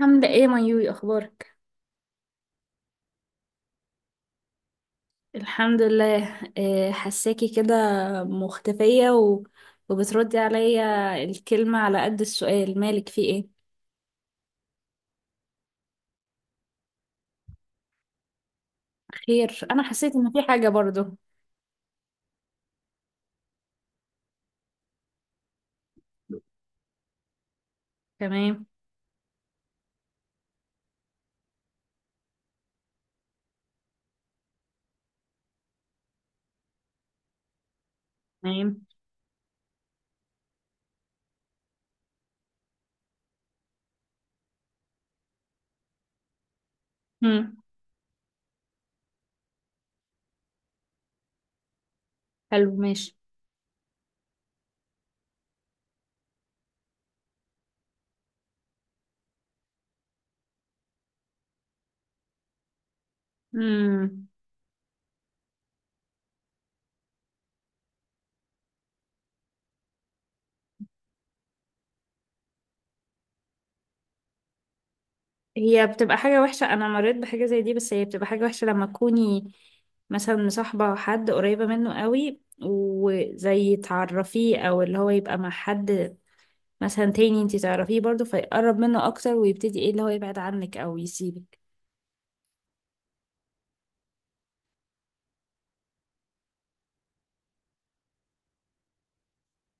عاملة ايه مايوي؟ اخبارك؟ الحمد لله. إيه، حساكي كده مختفية و... وبتردي عليا الكلمة على قد السؤال، مالك في ايه؟ خير؟ انا حسيت ان في حاجة برضو. تمام. تمام. مم. حلو، ماشي. مم. هي بتبقى حاجة وحشة، انا مريت بحاجة زي دي، بس هي بتبقى حاجة وحشة لما تكوني مثلا مصاحبة حد قريبة منه قوي وزي تعرفيه، او اللي هو يبقى مع حد مثلا تاني انتي تعرفيه برضو فيقرب منه اكتر ويبتدي ايه اللي هو يبعد عنك او يسيبك.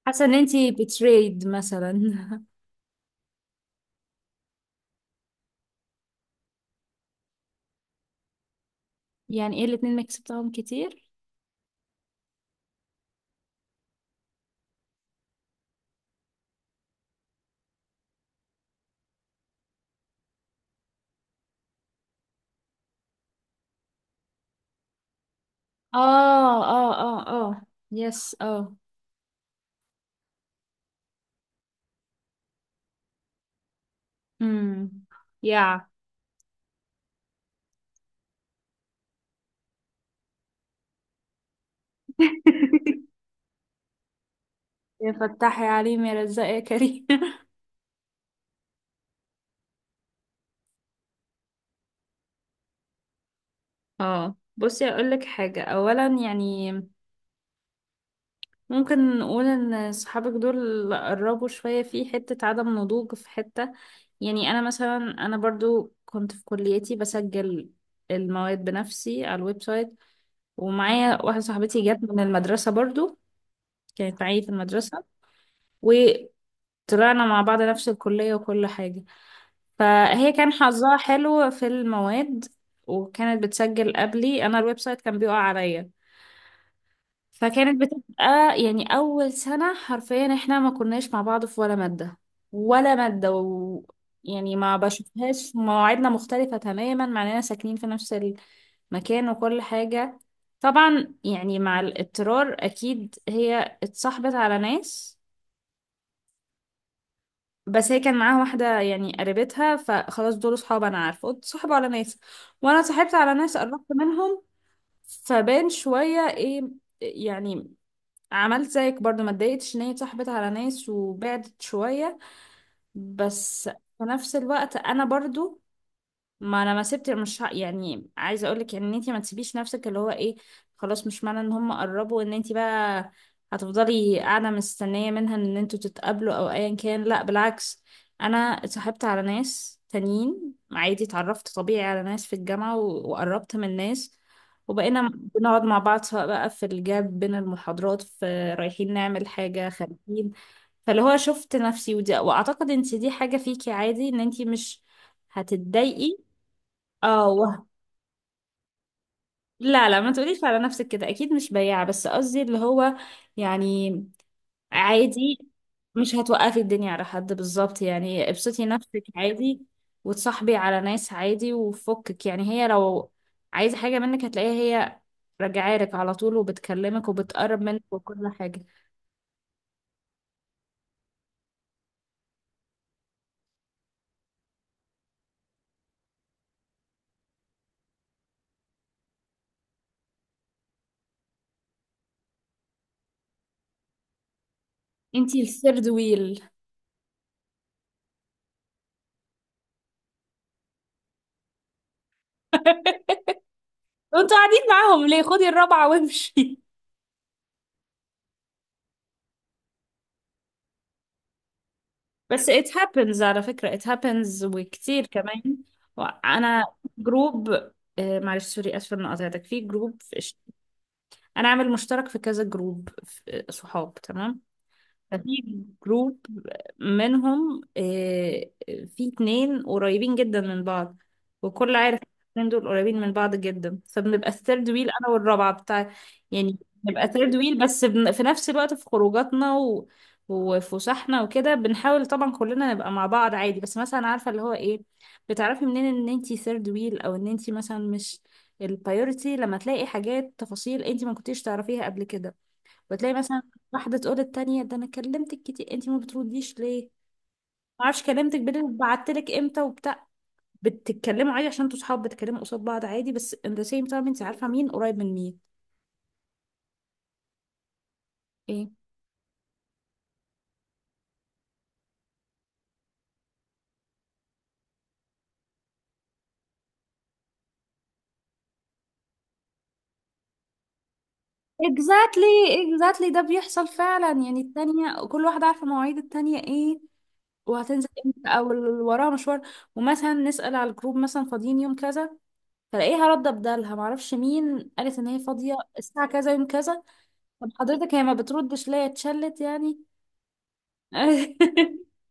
حاسه ان انتي بتريد مثلا. يعني ايه الاتنين ما كسبتهم كتير؟ اه، اه. اه، اه. يس، اه. امم. يا. يا فتحي عليم يا رزاق يا كريم. اه، بصي اقول لك حاجه، اولا يعني ممكن نقول ان صحابك دول قربوا شوية في حتة عدم نضوج في حتة. يعني انا مثلا، انا برضو كنت في كليتي بسجل المواد بنفسي على الويب سايت، ومعايا واحدة صاحبتي جت من المدرسة برضو، كانت معايا في المدرسة، وطلعنا مع بعض نفس الكلية وكل حاجة. فهي كان حظها حلو في المواد، وكانت بتسجل قبلي. انا الويب سايت كان بيقع عليا، فكانت بتبقى يعني أول سنة حرفيا احنا ما كناش مع بعض في ولا مادة، ولا مادة. يعني ما بشوفهاش، مواعيدنا مختلفة تماما مع اننا ساكنين في نفس المكان وكل حاجة. طبعا يعني مع الاضطرار أكيد هي اتصاحبت على ناس، بس هي كان معاها واحدة يعني قريبتها فخلاص دول صحاب، أنا عارفة. اتصاحبوا على ناس وأنا اتصاحبت على ناس قربت منهم. فبان شوية ايه يعني. عملت زيك برضو، ما اتضايقتش ان هي اتصاحبت على ناس وبعدت شوية. بس في نفس الوقت انا برضو، ما انا ما سبت، مش يعني عايزه اقول لك ان انت ما تسيبيش نفسك اللي هو ايه. خلاص، مش معنى ان هم قربوا ان انت بقى هتفضلي قاعده مستنيه منها ان انتوا تتقابلوا او ايا كان. لا، بالعكس، انا اتصاحبت على ناس تانيين عادي، اتعرفت طبيعي على ناس في الجامعه و- وقربت من ناس، وبقينا بنقعد مع بعض سواء بقى في الجاب بين المحاضرات، في رايحين نعمل حاجه خارجين. فاللي هو شفت نفسي ودي، واعتقد انت دي حاجة فيكي عادي ان انت مش هتتضايقي. اه لا لا، ما تقوليش على نفسك كده، اكيد مش بياعة. بس قصدي اللي هو يعني عادي، مش هتوقفي الدنيا على حد بالظبط، يعني ابسطي نفسك عادي وتصاحبي على ناس عادي وفكك. يعني هي لو عايزة حاجة منك هتلاقيها هي راجعة لك على طول وبتكلمك وبتقرب منك وكل حاجة. انتي الثيرد ويل. وانتوا قاعدين معاهم ليه؟ خدي الرابعة وامشي. بس it happens على فكرة، it happens وكتير كمان. أنا جروب معلش سوري، آسفة إني قاطعتك، في جروب انا عامل مشترك في كذا جروب، صحاب تمام. ففي جروب منهم في اتنين قريبين جدا من بعض وكل عارف. الاتنين دول قريبين من بعض جدا فبنبقى الثيرد ويل، انا والرابعة بتاع يعني. بنبقى ثيرد ويل، بس في نفس الوقت في خروجاتنا و... وفسحنا وكده بنحاول طبعا كلنا نبقى مع بعض عادي. بس مثلا عارفة اللي هو ايه، بتعرفي منين ان انتي ثيرد ويل، او ان انتي مثلا مش البايورتي؟ لما تلاقي حاجات تفاصيل انتي ما كنتيش تعرفيها قبل كده. وتلاقي مثلا واحدة تقول التانية ده انا كلمتك كتير انتي ما بترديش ليه، ما اعرفش كلمتك بالليل وبعتلك امتى وبتاع. بتتكلموا عادي عشان انتوا صحاب، بتتكلموا قصاد بعض عادي، بس in the same time انتي عارفة مين قريب من مين. ايه. exactly. exactly، ده بيحصل فعلا. يعني التانية كل واحدة عارفة مواعيد التانية ايه وهتنزل امتى او اللي وراها مشوار. ومثلا نسأل على الجروب مثلا فاضيين يوم كذا فلاقيها رد بدالها، معرفش مين قالت ان هي فاضية الساعة كذا يوم كذا. طب حضرتك هي ما بتردش ليه؟ اتشلت يعني.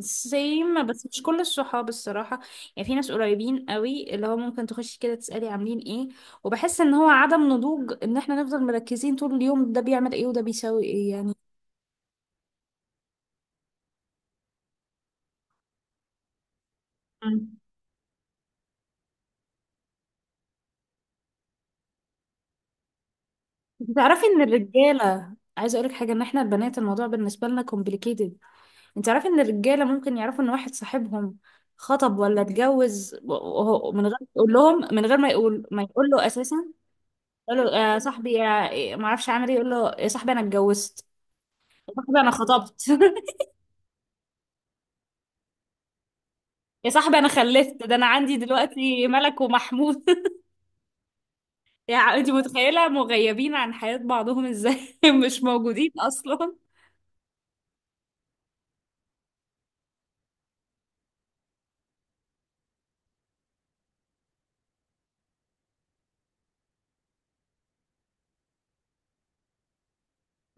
سيم، بس مش كل الصحاب الصراحة. يعني في ناس قريبين قوي اللي هو ممكن تخشي كده تسألي عاملين ايه. وبحس ان هو عدم نضوج ان احنا نفضل مركزين طول اليوم ده بيعمل ايه وده بيسوي ايه يعني. مم. تعرفي ان الرجالة، عايزة اقولك حاجة، ان احنا البنات الموضوع بالنسبة لنا complicated. انت تعرفي ان الرجالة ممكن يعرفوا ان واحد صاحبهم خطب ولا اتجوز من غير ما يقول لهم، من غير ما يقول، ما يقول له اساسا. يقول له يا صاحبي يا إيه، ما اعرفش عامل ايه، يقول له يا صاحبي انا اتجوزت، يا صاحبي انا خطبت. يا صاحبي انا خلفت، ده انا عندي دلوقتي ملك ومحمود. يعني انت متخيله مغيبين عن حياه بعضهم ازاي؟ مش موجودين اصلا.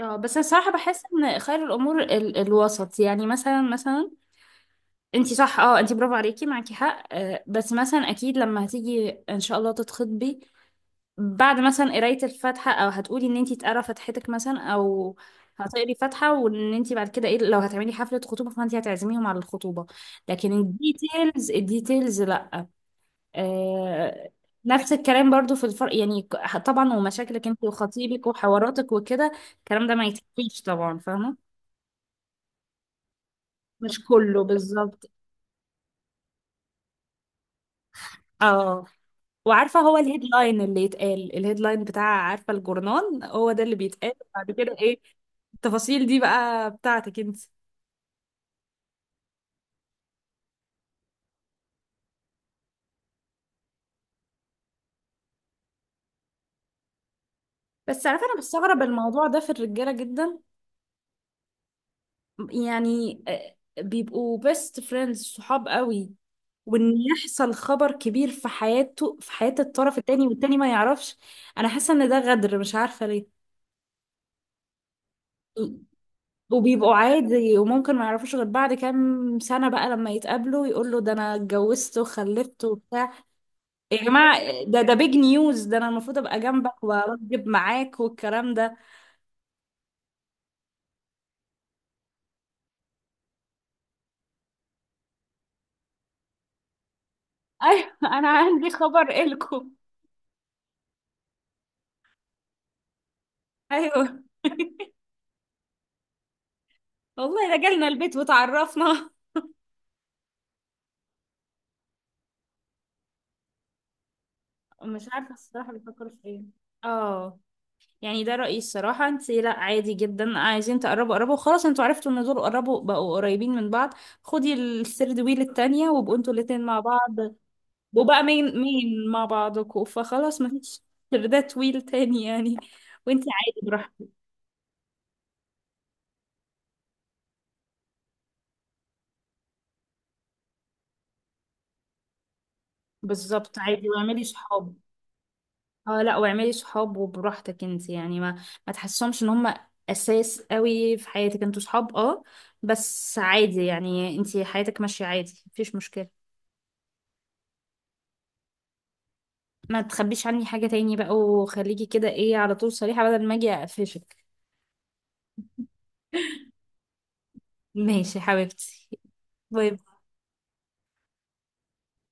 اه، بس انا صراحه بحس ان خير الامور ال الوسط، يعني مثلا، مثلا انت صح. اه، انت برافو عليكي، معاكي حق. آه، بس مثلا اكيد لما هتيجي ان شاء الله تتخطبي بعد مثلا قراية الفاتحة، او هتقولي ان انتي تقرا فاتحتك مثلا، او هتقري فاتحة. وان انتي بعد كده ايه، لو هتعملي حفلة خطوبة فانتي هتعزميهم على الخطوبة. لكن الديتيلز الديتيلز لا. آه. نفس الكلام برضو في الفرق يعني، طبعا ومشاكلك انتي وخطيبك وحواراتك وكده، الكلام ده ما يتحكيش طبعا. فاهمة. مش كله بالظبط. اه. وعارفة هو الهيدلاين اللي يتقال، الهيدلاين بتاع عارفة الجورنال هو ده اللي بيتقال بعد كده ايه، التفاصيل دي بقى بتاعتك انت. بس عارفة انا بستغرب الموضوع ده في الرجالة جدا. يعني بيبقوا بيست فريندز صحاب قوي، وان يحصل خبر كبير في حياته في حياة الطرف التاني والتاني ما يعرفش. انا حاسة ان ده غدر، مش عارفة ليه. وبيبقوا عادي وممكن ما يعرفوش غير بعد كام سنة بقى لما يتقابلوا يقول له ده انا اتجوزت وخلفت وبتاع. يا جماعة، ده بيج نيوز، ده انا المفروض ابقى جنبك واوجب معاك والكلام ده. ايوه انا عندي خبر إلكم. ايوه والله، ده جالنا البيت وتعرفنا. مش عارفة الصراحة بيفكروا في ايه. اه، يعني ده رأيي الصراحة. انت لا عادي جدا، عايزين تقربوا قربوا خلاص. انتوا عرفتوا ان دول قربوا بقوا قريبين من بعض. خدي الثيرد ويل التانية وابقوا انتوا الاتنين مع بعض. وبقى مين مين مع بعضكوا فخلاص، مفيش ثيردات ويل تاني يعني. وانت عادي براحتك. بالظبط، عادي، واعملي صحاب. اه، لا، واعملي صحاب وبراحتك. انت يعني ما تحسهمش ان هم اساس قوي في حياتك. انتوا صحاب اه، بس عادي يعني، انت حياتك ماشية عادي مفيش مشكلة. ما تخبيش عني حاجة تاني بقى، وخليكي كده ايه على طول صريحة، بدل ما اجي اقفشك. ماشي يا حبيبتي. باي باي.